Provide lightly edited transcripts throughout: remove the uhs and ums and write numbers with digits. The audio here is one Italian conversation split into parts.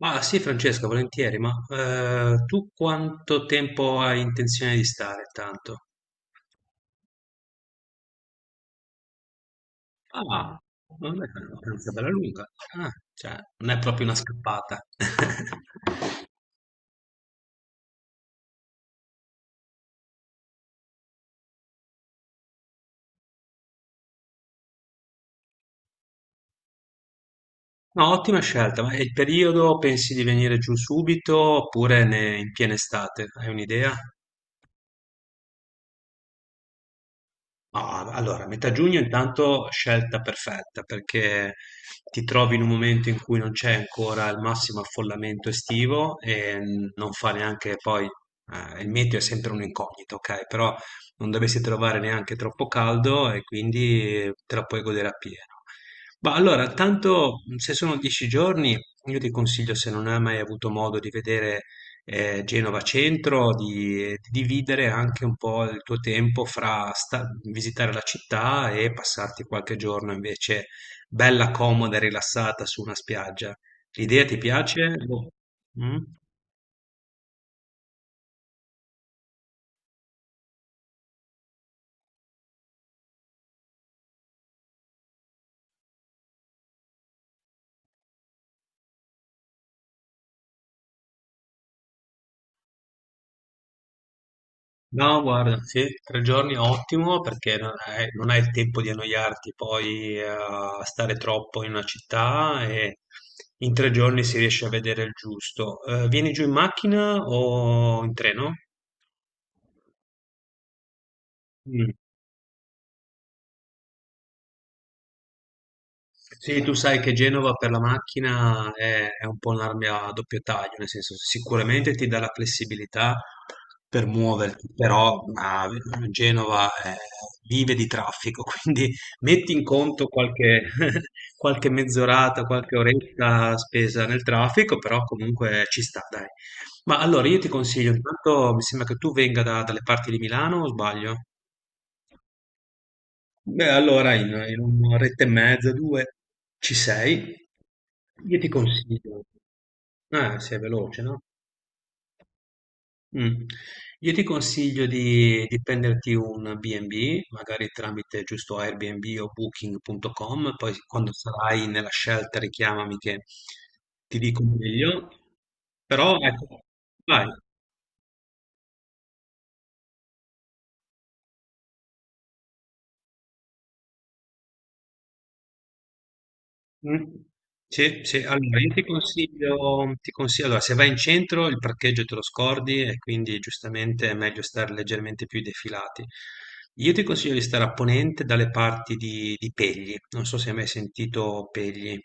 Ma sì, Francesca, volentieri, ma tu quanto tempo hai intenzione di stare tanto? Ah, vabbè, è una vacanza bella lunga. Ah, cioè, non è proprio una scappata. No, ottima scelta, ma il periodo pensi di venire giù subito oppure in piena estate? Hai un'idea? Ma allora, metà giugno intanto scelta perfetta perché ti trovi in un momento in cui non c'è ancora il massimo affollamento estivo e non fa neanche poi, il meteo è sempre un incognito, ok? Però non dovresti trovare neanche troppo caldo e quindi te la puoi godere appieno. Ma allora, tanto se sono 10 giorni, io ti consiglio se non hai mai avuto modo di vedere Genova Centro, di dividere anche un po' il tuo tempo fra sta visitare la città e passarti qualche giorno invece bella, comoda e rilassata su una spiaggia. L'idea ti piace? Boh. Mm? No, guarda, sì, 3 giorni è ottimo perché non hai il tempo di annoiarti poi a stare troppo in una città e in 3 giorni si riesce a vedere il giusto. Vieni giù in macchina o in treno? Sì, tu sai che Genova per la macchina è un po' un'arma a doppio taglio, nel senso sicuramente ti dà la flessibilità per muoverti, però Genova vive di traffico, quindi metti in conto qualche, qualche mezz'orata, qualche oretta spesa nel traffico, però comunque ci sta, dai. Ma allora io ti consiglio, intanto mi sembra che tu venga dalle parti di Milano o sbaglio? Beh, allora in un'oretta e mezza, due, ci sei. Io ti consiglio, ah, sei veloce, no? Mm. Io ti consiglio di prenderti un B&B, magari tramite giusto Airbnb o Booking.com, poi quando sarai nella scelta richiamami che ti dico meglio. Però ecco, vai. Mh. Sì, sì, allora io ti consiglio ti consi allora se vai in centro il parcheggio te lo scordi e quindi giustamente è meglio stare leggermente più defilati. Io ti consiglio di stare a ponente dalle parti di Pegli, non so se hai mai sentito Pegli.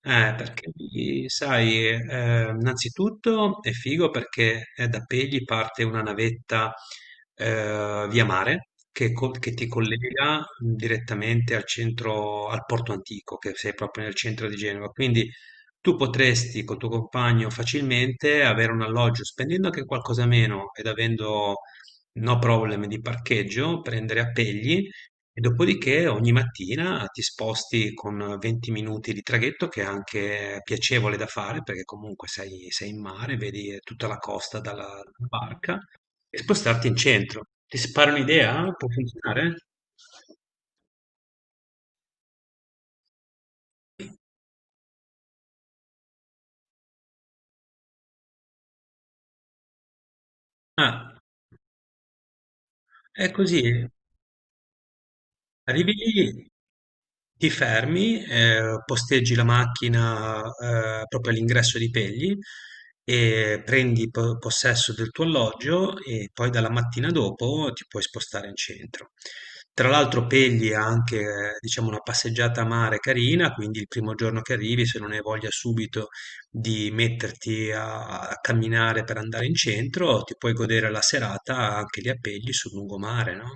Perché lì sai, innanzitutto è figo perché, da Pegli parte una navetta via mare che ti collega direttamente al centro, al porto antico, che sei proprio nel centro di Genova. Quindi tu potresti col tuo compagno facilmente avere un alloggio spendendo anche qualcosa meno ed avendo no problem di parcheggio, prendere a Pegli e dopodiché ogni mattina ti sposti con 20 minuti di traghetto, che è anche piacevole da fare, perché comunque sei in mare, vedi tutta la costa dalla barca, e spostarti in centro. Ti sparo un'idea? Può funzionare? Ah, è così. Arrivi lì, ti fermi, posteggi la macchina, proprio all'ingresso di Pegli e prendi possesso del tuo alloggio e poi dalla mattina dopo ti puoi spostare in centro. Tra l'altro Pegli ha anche, diciamo, una passeggiata a mare carina, quindi il primo giorno che arrivi, se non hai voglia subito di metterti a camminare per andare in centro, ti puoi godere la serata anche lì a Pegli sul lungomare, no?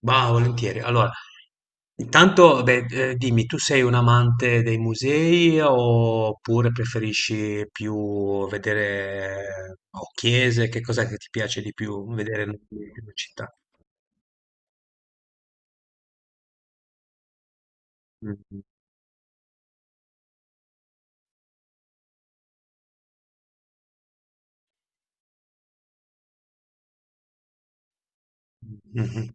Va, volentieri. Allora, intanto, beh, dimmi, tu sei un amante dei musei oppure preferisci più vedere o chiese? Che cos'è che ti piace di più vedere nella città? Mm. Mhm.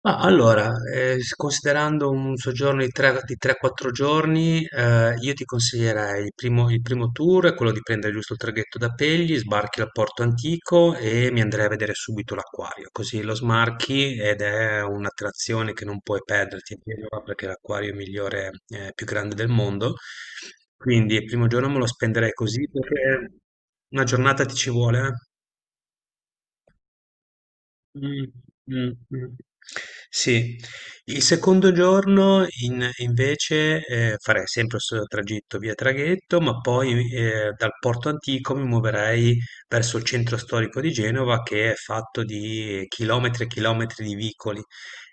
Ma allora, considerando un soggiorno di 3-4 giorni, io ti consiglierei il primo tour, è quello di prendere giusto il traghetto da Pegli, sbarchi al Porto Antico e mi andrei a vedere subito l'acquario, così lo smarchi ed è un'attrazione che non puoi perderti, è vero, perché è l'acquario migliore, più grande del mondo. Quindi il primo giorno me lo spenderei così perché una giornata ti ci vuole, eh. Mh, mh, mh. Sì, il secondo giorno in invece, farei sempre lo stesso tragitto via traghetto, ma poi, dal porto antico mi muoverei verso il centro storico di Genova che è fatto di chilometri e chilometri di vicoli.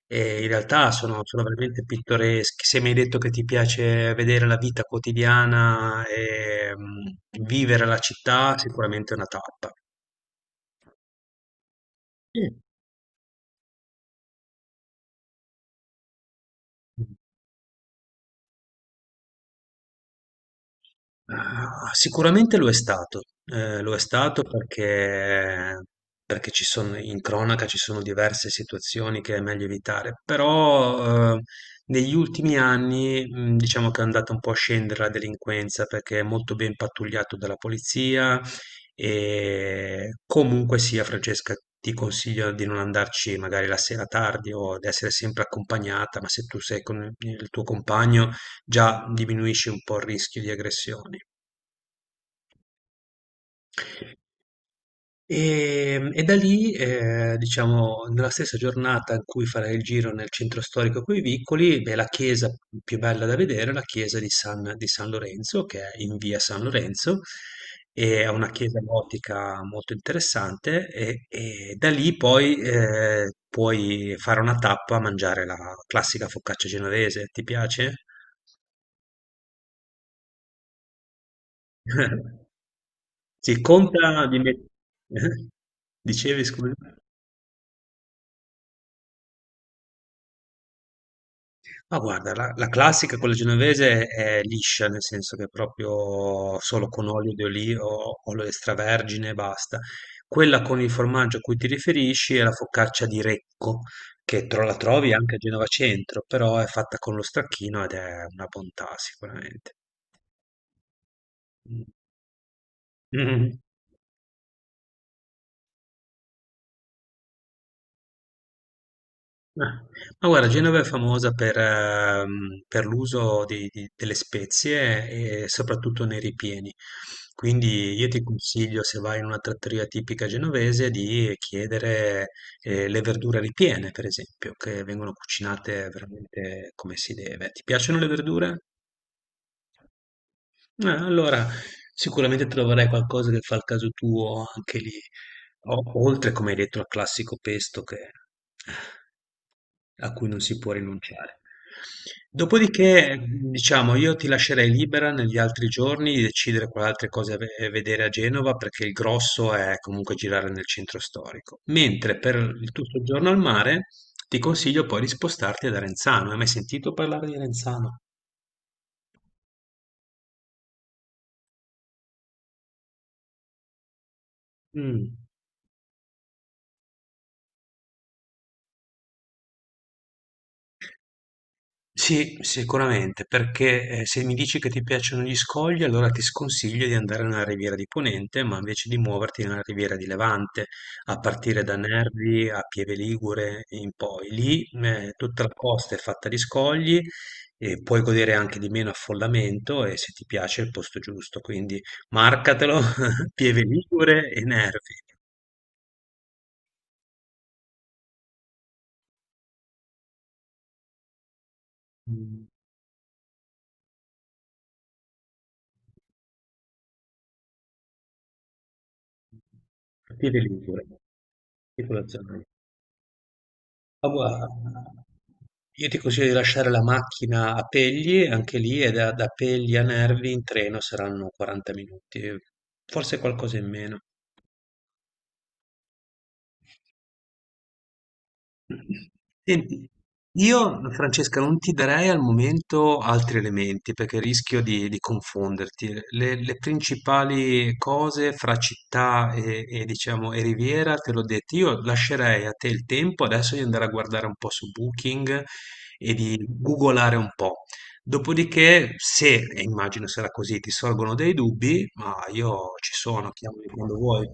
E in realtà sono veramente pittoreschi. Se mi hai detto che ti piace vedere la vita quotidiana e, vivere la città, sicuramente è una tappa. Mm. Ah, sicuramente lo è stato perché, in cronaca ci sono diverse situazioni che è meglio evitare, però negli ultimi anni diciamo che è andata un po' a scendere la delinquenza perché è molto ben pattugliato dalla polizia e comunque sia, Francesca, ti consiglio di non andarci magari la sera tardi o di essere sempre accompagnata, ma se tu sei con il tuo compagno già diminuisce un po' il rischio di aggressioni. E da lì, diciamo, nella stessa giornata in cui farai il giro nel centro storico coi vicoli, beh, la chiesa più bella da vedere è la chiesa di San Lorenzo, che è in via San Lorenzo, è una chiesa gotica molto interessante. E da lì poi puoi fare una tappa a mangiare la classica focaccia genovese. Ti piace? Sì, conta di mettere. Dicevi, scusa. Ma guarda, la classica, quella genovese, è liscia, nel senso che è proprio solo con olio di olivo, olio extravergine e basta. Quella con il formaggio a cui ti riferisci è la focaccia di Recco, che la trovi anche a Genova Centro, però è fatta con lo stracchino ed è una bontà sicuramente. Ah, ma guarda, Genova è famosa per, l'uso delle spezie e soprattutto nei ripieni. Quindi io ti consiglio, se vai in una trattoria tipica genovese, di chiedere le verdure ripiene, per esempio, che vengono cucinate veramente come si deve. Ti piacciono le verdure? Allora, sicuramente troverai qualcosa che fa il caso tuo anche lì. Oltre, come hai detto, al classico pesto che eh, a cui non si può rinunciare. Dopodiché, diciamo, io ti lascerei libera negli altri giorni di decidere quali altre cose ve vedere a Genova, perché il grosso è comunque girare nel centro storico. Mentre per il tuo soggiorno al mare, ti consiglio poi di spostarti ad Arenzano. Hai mai sentito parlare di Arenzano? Mh. Sì, sicuramente, perché se mi dici che ti piacciono gli scogli, allora ti sconsiglio di andare nella Riviera di Ponente, ma invece di muoverti nella Riviera di Levante, a partire da Nervi a Pieve Ligure e in poi. Lì tutta la costa è fatta di scogli e puoi godere anche di meno affollamento e se ti piace è il posto giusto, quindi marcatelo, Pieve Ligure e Nervi. Mm, Pieve Ligure, tutta la zona. Ma guarda, io ti consiglio di lasciare la macchina a Pegli, anche lì è da Pegli a Nervi in treno saranno 40 minuti, forse qualcosa in meno. Senti, io Francesca non ti darei al momento altri elementi perché rischio di confonderti. Le principali cose fra città e, diciamo e riviera te l'ho detto, io lascerei a te il tempo adesso di andare a guardare un po' su Booking e di googolare un po'. Dopodiché, se, e immagino sarà così, ti sorgono dei dubbi, ma io ci sono, chiamami quando vuoi.